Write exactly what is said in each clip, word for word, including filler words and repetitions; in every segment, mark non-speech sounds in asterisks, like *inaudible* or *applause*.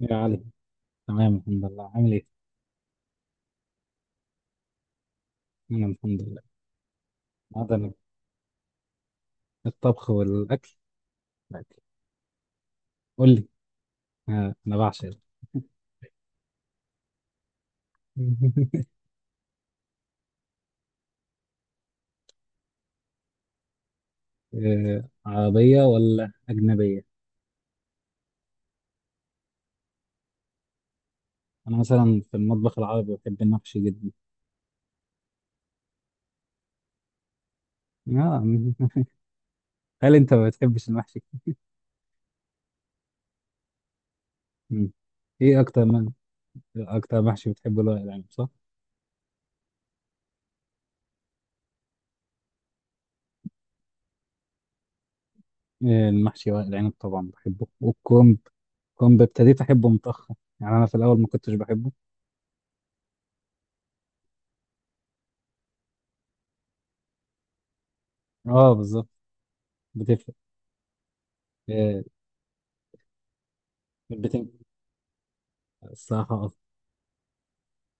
يا علي، تمام الحمد لله. عامل ايه؟ انا الحمد لله. هذا الطبخ والاكل. الأكل. قول لي. آه، انا بعشق ده. *laughs* آه، عربيه ولا اجنبيه؟ انا مثلا في المطبخ العربي بحب المحشي جدا. آه. *laughs* هل انت ما بتحبش المحشي؟ مم. ايه اكتر من اكتر محشي بتحبه، ورق العنب صح؟ آه، المحشي ورق العنب طبعا بحبه والكرنب. كرنب ابتديت احبه متاخر، يعني انا في الاول ما كنتش بحبه. اه بالظبط. بتفرق. آه، بتنجح الصراحه.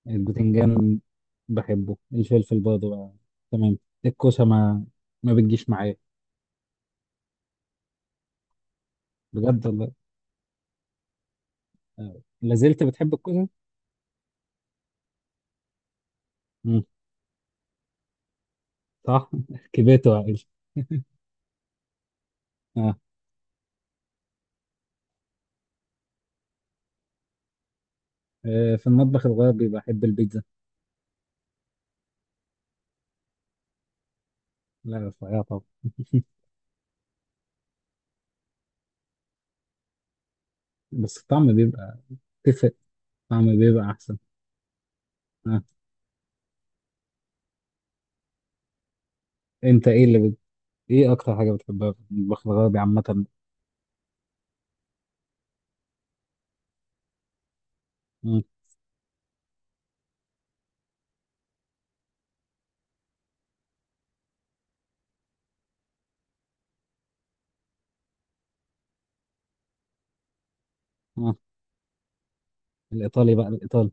البتنجان بحبه، الفلفل برضه بقى. تمام. الكوسة ما ما بتجيش معايا. بجد والله. آه، لازلت بتحب الكوسة؟ مم. صح. *laughs* كبرت وعقلت. آه. آه، في المطبخ الغربي بحب البيتزا. لا رفيعة طبعا. *laughs* بس الطعم بيبقى. تفرق. الطعم بيبقى أحسن. آه. أنت إيه اللي بت... إيه أكتر حاجة بتحبها في المطبخ الغربي عامة؟ مم. آه. الإيطالي بقى الإيطالي.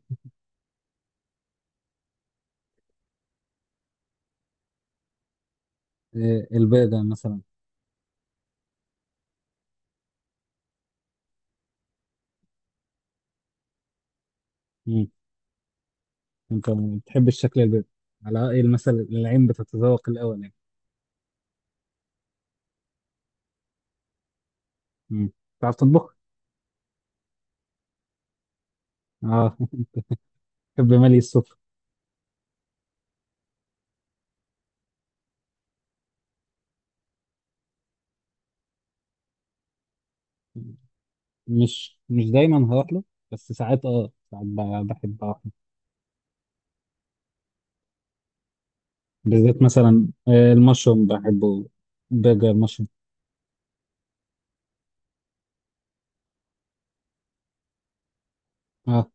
آه. البرجر مثلا. انت ما بتحبش شكل البيض، على ايه المثل، العين بتتذوق الاول يعني. مم. بتعرف تطبخ. اه. *laughs* بحب مالي السفرة. مش مش دايما هروح له. بس ساعات اه ساعات ب- بحب اروح له. بالذات مثلا آه، المشروم بحبه، برجر المشروم. اه.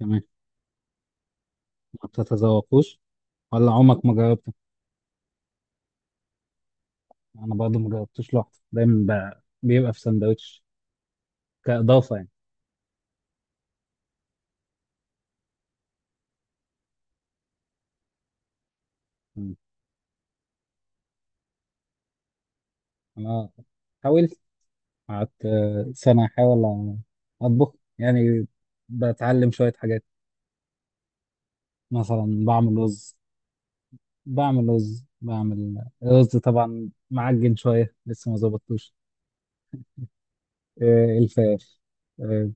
تمام. ما بتتذوقوش، ولا عمرك ما جربته. انا برضه ما جربتوش لوحده دايما. ب- بيبقى في سندوتش، كاضافه يعني. مم. انا حاولت. قعدت آه، سنة أحاول أطبخ يعني. بتعلم شوية حاجات، مثلا بعمل رز. بعمل رز بعمل رز طبعا، معجن شوية لسه ما ظبطتوش. آه، الفراخ. آه،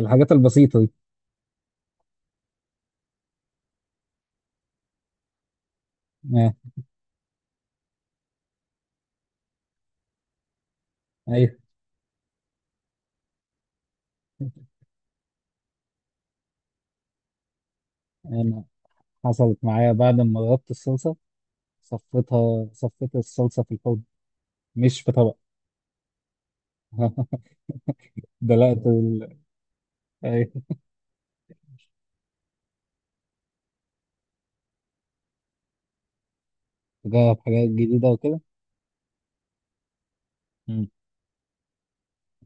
الحاجات البسيطة دي. آه، أيوه. أنا حصلت معايا بعد ما غطت الصلصة. صفيتها صفيت الصلصة في الحوض، مش في طبق. *laughs* دلقت ال... أيوه. بجرب حاجات جديدة وكده. مم.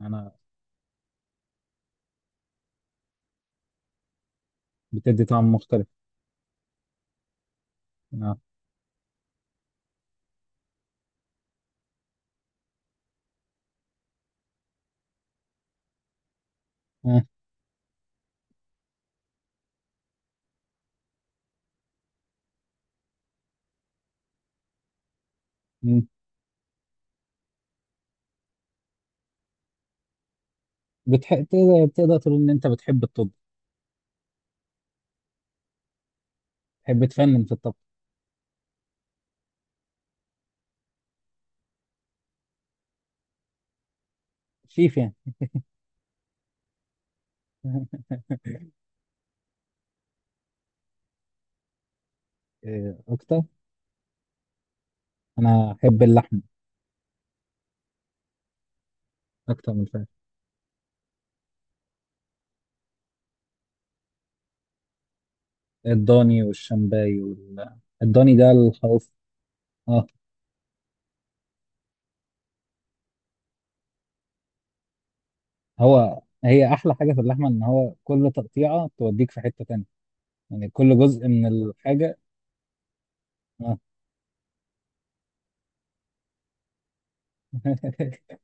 أنا. بتدي طعم مختلف. آه. آه. بتح... تقدر تقدر تقول ان انت بتحب الطب. تحب تفنن في الطبخ. شيف يعني. *laughs* إيه اكتر. انا احب اللحم اكتر من الفراخ. الضاني والشمباي وال... الضاني ده الخروف. اه. هو هي احلى حاجه في اللحمه، ان هو كل تقطيعه توديك في حته تانية. يعني كل جزء من الحاجه. آه. *laughs*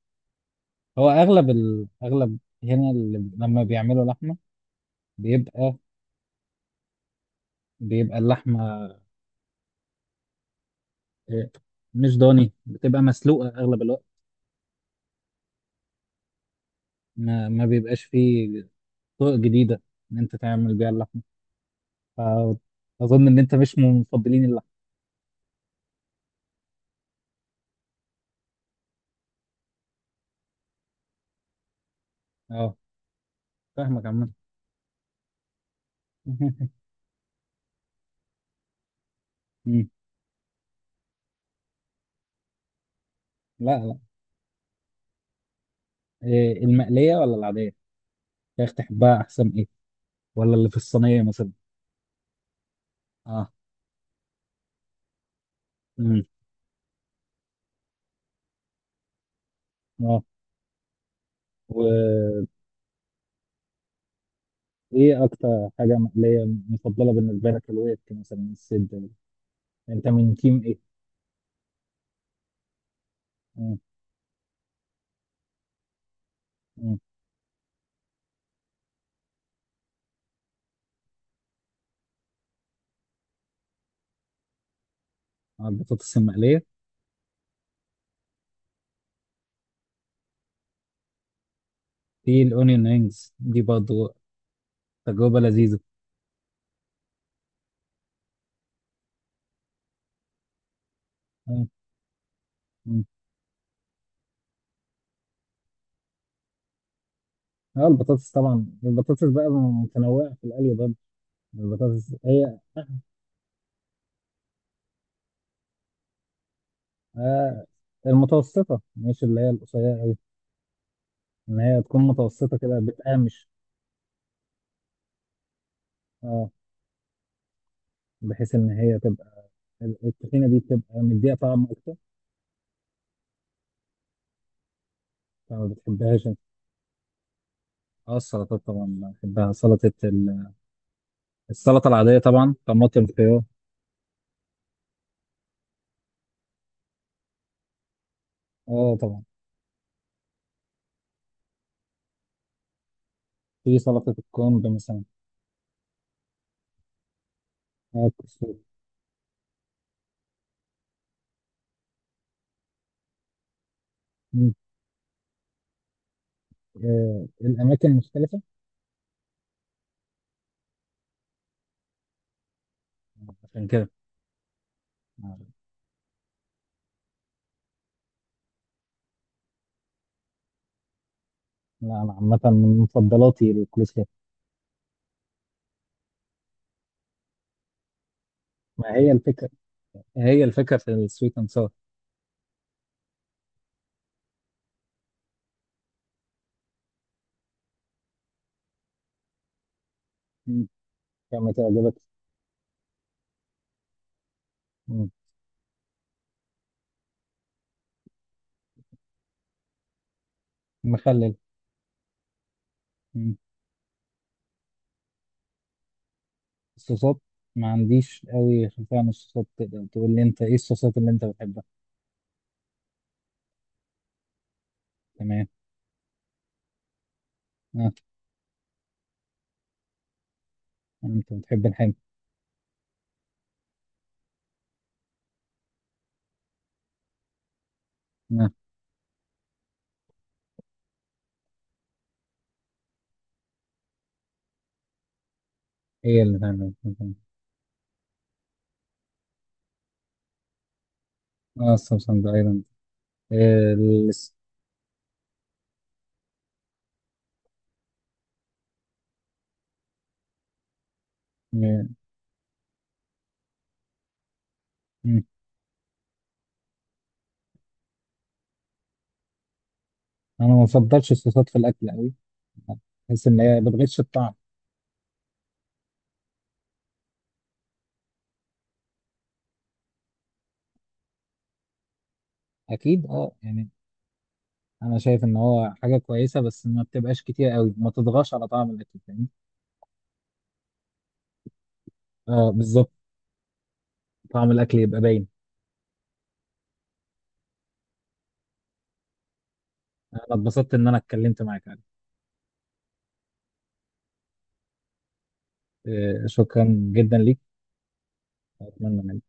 هو اغلب ال... اغلب هنا، اللي لما بيعملوا لحمه بيبقى بيبقى اللحمه. إيه، مش ضاني، بتبقى مسلوقه اغلب الوقت. ما, ما بيبقاش فيه طرق جديدة إن أنت تعمل بيها اللحمة. فأظن إن أنت مش من مفضلين اللحمة. أه، فاهمك عامة. *laughs* مم. لا لا. إيه، المقلية ولا العادية؟ فراخ تحبها أحسن إيه؟ ولا اللي في الصينية مثلا؟ أه. مم. أه. وإيه أكتر حاجة مقلية مفضلة بالنسبة لك؟ الوقت مثلا السد. أنت من تيم إيه؟ مم. مم. آه، البطاطس المقلية. في الأونيون رينجز دي برضه، تجربة لذيذة. مم. مم. اه البطاطس طبعا، البطاطس بقى متنوعة في القلي برضه. البطاطس هي آه المتوسطة، مش اللي هي القصيرة أوي. إن هي تكون متوسطة كده بتقامش. اه، بحيث إن هي تبقى. ال- الطحينة دي بتبقى مديها طعم أكتر. فما بتحبهاش أنت. اه السلطات طبعا بحبها. سلطة ال... السلطة العادية، طبعا طماطم خيار. اه طبعا. في سلطة الكرنب مثلا. اه الكسور. مم. آه الأماكن المختلفة. عشان كده. آه. لا، أنا عامة من مفضلاتي الكولسلو. ما هي الفكرة، هي الفكرة في السويت أند ساور. كما تعجبك. مم. مخلل. مم. الصوصات، ما عنديش قوي خلفية عن الصوصات. تقدر تقول لي انت ايه الصوصات اللي انت بتحبها؟ تمام. اه. انت بتحب الحامي. اه. ايه اللي بتحبه. اه الصوصات ده ايضا. آه. الس-. آه. مم. انا ما بفضلش الصوصات في الاكل قوي. بحس ان هي بتغش الطعم. اكيد اه يعني، انا شايف ان هو حاجه كويسه، بس ما بتبقاش كتير قوي، ما تضغطش على طعم الاكل، فاهم. اه بالظبط. طعم الاكل يبقى باين. انا اتبسطت ان انا اتكلمت معاك. آه، شكرا جدا ليك. أتمنى.